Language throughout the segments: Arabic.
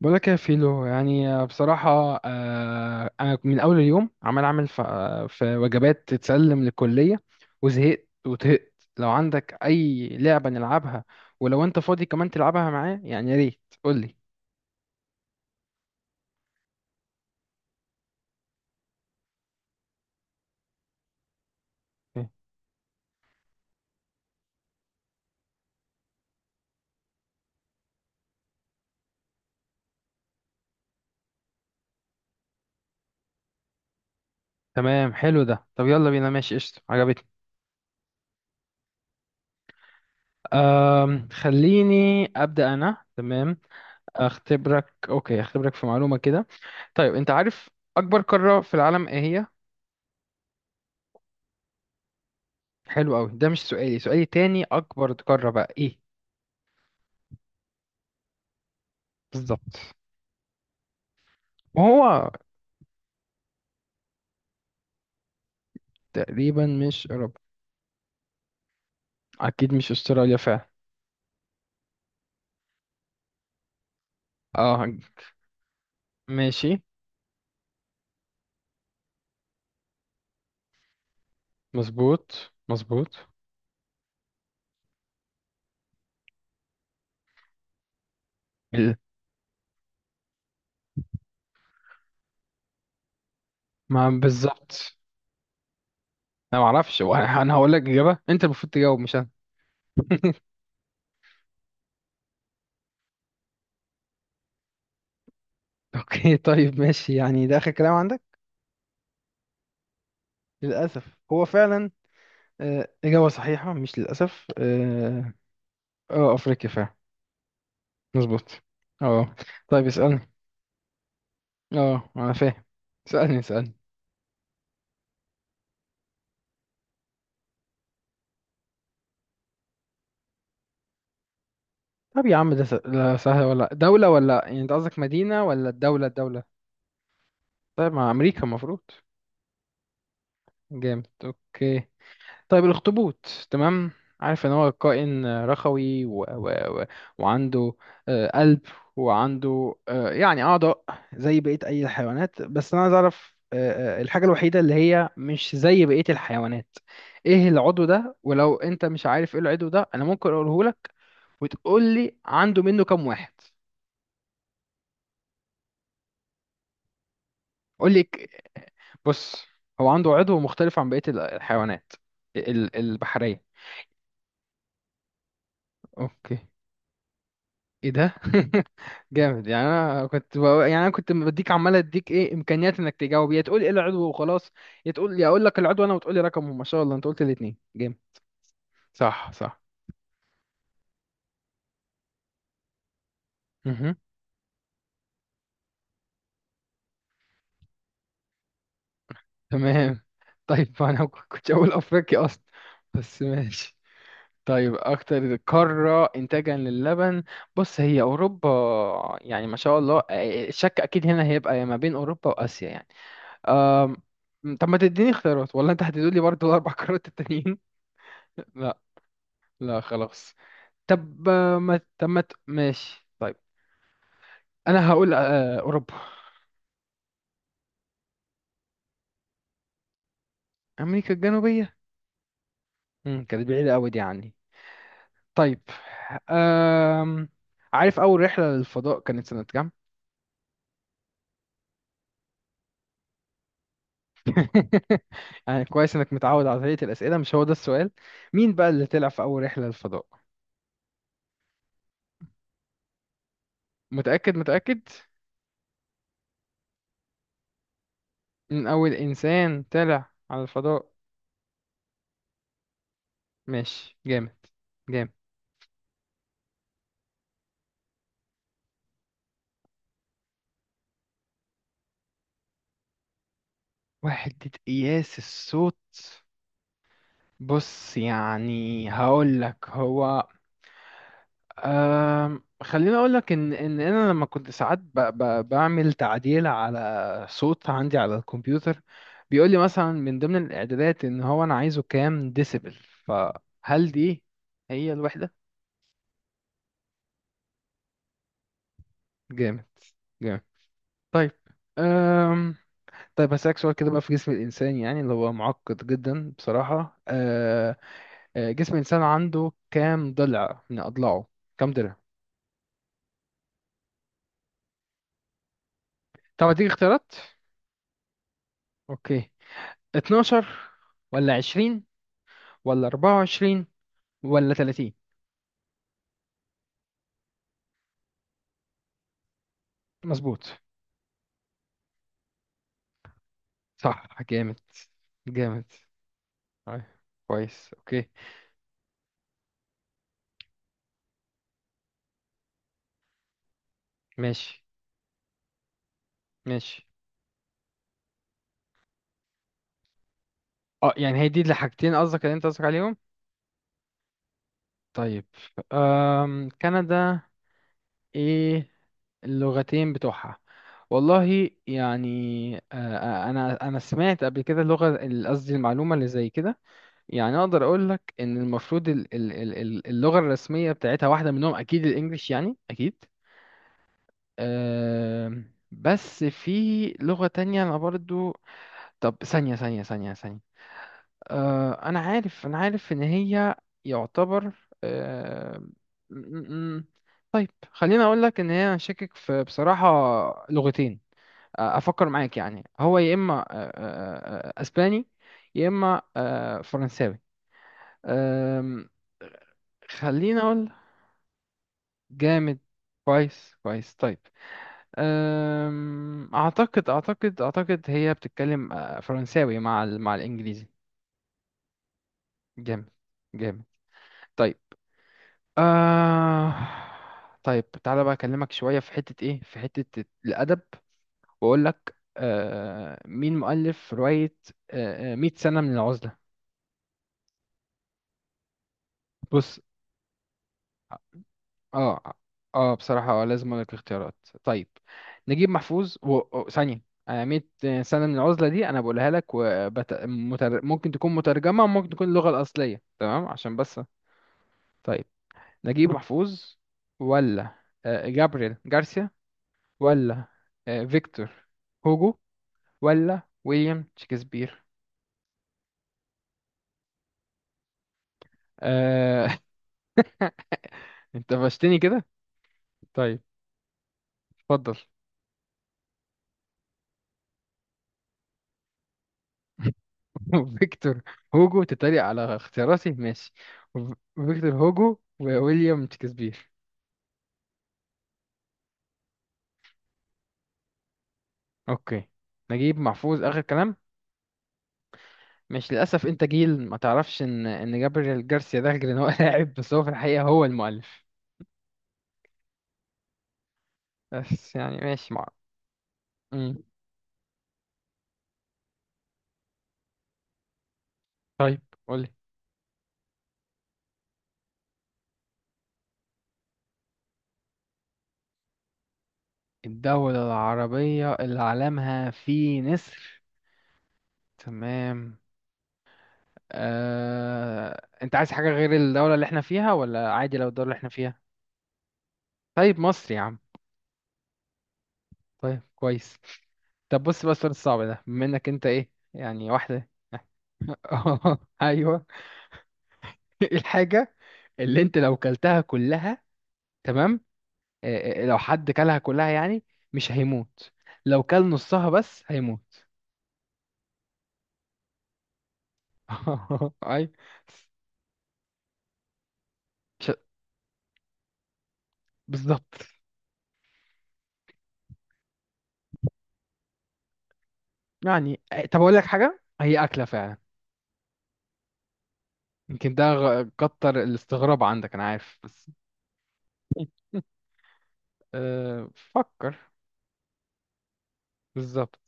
بقولك يا فيلو، يعني بصراحة، أنا من أول اليوم عمال أعمل، في وجبات تتسلم للكلية، وزهقت وطهقت. لو عندك أي لعبة نلعبها، ولو أنت فاضي كمان تلعبها معايا، يعني يا ريت قولي. إيه. تمام، حلو ده. طب يلا بينا. ماشي، قشطة، عجبتني. خليني أبدأ أنا. تمام، أختبرك. أوكي، أختبرك في معلومة كده. طيب، أنت عارف أكبر قارة في العالم إيه هي؟ حلو أوي، ده مش سؤالي، سؤالي تاني أكبر قارة بقى إيه؟ بالظبط. وهو تقريبا مش أوروبا. أكيد مش أستراليا فعلا. اه، ماشي. مظبوط مظبوط. ال- ما بالظبط. أنا معرفش، هو أنا هقول لك إجابة، أنت المفروض تجاوب مش أنا. أوكي، طيب ماشي، يعني ده آخر كلام عندك؟ للأسف هو فعلا. إجابة صحيحة مش للأسف، اه. أفريقيا فعلا. مظبوط. اه. طيب اسألني. اه، أنا فاهم، اسألني اسألني. طب يا عم ده ده سهل، ولا دولة، ولا يعني أنت قصدك مدينة ولا الدولة؟ الدولة؟ طيب، مع امريكا المفروض. جامد، اوكي. طيب، الاخطبوط. تمام، عارف ان هو كائن رخوي، و... وعنده قلب، وعنده يعني اعضاء زي بقية اي الحيوانات. بس انا عايز اعرف، الحاجة الوحيدة اللي هي مش زي بقية الحيوانات، ايه العضو ده؟ ولو انت مش عارف ايه العضو ده، انا ممكن اقوله لك وتقول لي عنده منه كام واحد. قول لي، بص، هو عنده عضو مختلف عن بقية الحيوانات البحرية. اوكي. ايه ده! جامد. يعني يعني انا كنت بديك، عمال اديك ايه امكانيات انك تجاوب، يا تقول ايه العضو وخلاص، يا تقول يا اقول لك العضو انا وتقول لي رقمه. ما شاء الله، انت قلت الاثنين. جامد. صح صح. مهم. تمام. طيب، انا كنت اقول افريقيا اصلا، بس ماشي. طيب اكتر قارة انتاجا للبن، بص هي اوروبا. يعني ما شاء الله، الشك اكيد هنا هيبقى ما بين اوروبا واسيا يعني. أم... طب ما تديني اختيارات ولا انت هتدولي برضو الاربع قارات التانيين؟ لا لا، خلاص. طب آه، ما طب ما ت- ماشي، طيب. انا هقول اوروبا. امريكا الجنوبيه. كانت بعيده قوي دي عني. طيب. أم... عارف اول رحله للفضاء كانت سنه كام؟ يعني كويس انك متعود على طريقه الاسئله. مش هو ده السؤال، مين بقى اللي طلع في اول رحله للفضاء؟ متاكد متاكد؟ من اول انسان طلع على الفضاء؟ ماشي، جامد جامد. وحدة قياس الصوت؟ بص، يعني هقول لك هو، خليني اقول لك ان انا لما كنت ساعات ب بعمل تعديل على صوت عندي على الكمبيوتر، بيقول لي مثلا من ضمن الاعدادات ان هو انا عايزه كام ديسيبل. فهل دي هي الوحدة؟ جامد جامد. طيب. أم طيب هسألك سؤال كده بقى في جسم الإنسان، يعني اللي هو معقد جدا بصراحة. جسم الإنسان عنده كام ضلع من أضلاعه؟ كام ضلع؟ طب أديك اختيارات. أوكي، 12 ولا 20 ولا 24 ولا 30؟ مظبوط. صح، جامد جامد. طيب، كويس. أوكي، ماشي ماشي. اه، يعني هي دي الحاجتين قصدك، اللي انت قصدك عليهم؟ طيب. كندا، ايه اللغتين بتوعها؟ والله يعني، انا سمعت قبل كده اللغه، قصدي المعلومه اللي زي كده. يعني اقدر اقول لك ان المفروض اللغه الرسميه بتاعتها واحده منهم اكيد الانجليش، يعني اكيد. بس في لغه تانية انا برضو. طب ثانيه ثانيه ثانيه ثانيه. انا عارف ان هي يعتبر. أم، م- م- طيب خليني اقول لك ان هي، انا شاكك في بصراحه لغتين. افكر معاك، يعني هو يا اما أه، أه، أه، آه، اسباني، يا اما فرنساوي. أم، خليني اقول. جامد. كويس كويس. طيب. أم... اعتقد اعتقد اعتقد هي بتتكلم فرنساوي مع مع الانجليزي. جامد جامد. طيب. آه... طيب تعالى بقى اكلمك شوية في حتة ايه، في حتة الادب، واقول لك آه... مين مؤلف رواية 100 سنة من العزلة؟ بص. اه، اه، بصراحة اه، لازم اقول لك اختيارات. طيب، نجيب محفوظ ثانية. يعني 100 سنة من العزلة دي انا بقولها لك، ممكن تكون مترجمة وممكن تكون اللغة الأصلية، تمام، عشان بس. طيب، نجيب محفوظ، ولا جابريل جارسيا، ولا فيكتور هوجو، ولا ويليام شكسبير؟ آه... انت فشتني كده. طيب اتفضل. وفيكتور هوجو؟ تتريق على اختياراتي؟ ماشي. فيكتور هوجو وويليام شكسبير. اوكي، نجيب محفوظ اخر كلام. مش للاسف، انت جيل ما تعرفش ان جابريل جارسيا ده، غير ان هو لاعب، بس هو في الحقيقه هو المؤلف. بس يعني ماشي مع. مم. طيب قولي. الدولة العربية اللي علمها فيه نسر؟ تمام. انت عايز حاجة غير الدولة اللي احنا فيها، ولا عادي لو الدولة اللي احنا فيها؟ طيب، مصر يا عم. طيب كويس. طب بص بقى السؤال الصعب ده، بما انك انت ايه يعني واحدة. ايوه. إيه الحاجة اللي انت لو كلتها كلها، تمام، إيه لو حد كلها كلها يعني، مش هيموت، لو كل نصها بس هيموت؟ اي. مش- بالظبط. يعني إيه، طب اقول لك حاجة، هي أكلة فعلا. يمكن ده كتر الاستغراب عندك، انا عارف بس. أه، فكر. بالظبط،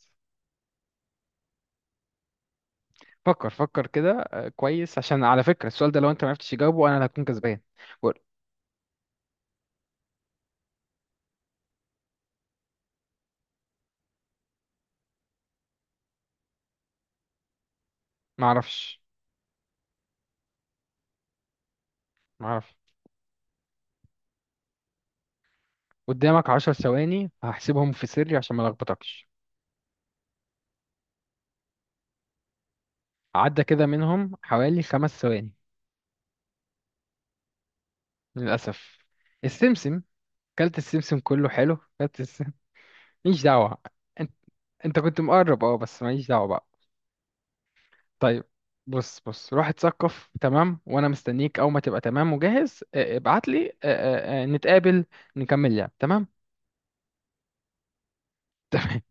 فكر فكر كده. كويس، عشان على فكرة السؤال ده لو انت معرفتش تجاوبه انا اللي هكون كسبان. قول. معرفش معرفش. قدامك 10 ثواني هحسبهم في سري عشان ما لخبطكش. عدى كده منهم حوالي 5 ثواني. للأسف. السمسم. كلت السمسم كله، حلو. كلت السمسم، ماليش دعوة. انت انت كنت مقرب، اه، بس ماليش دعوة بقى. طيب، بص بص، روح اتثقف، تمام. وانا مستنيك، اول ما تبقى تمام وجاهز ابعت لي، نتقابل، نكمل لعب. تمام.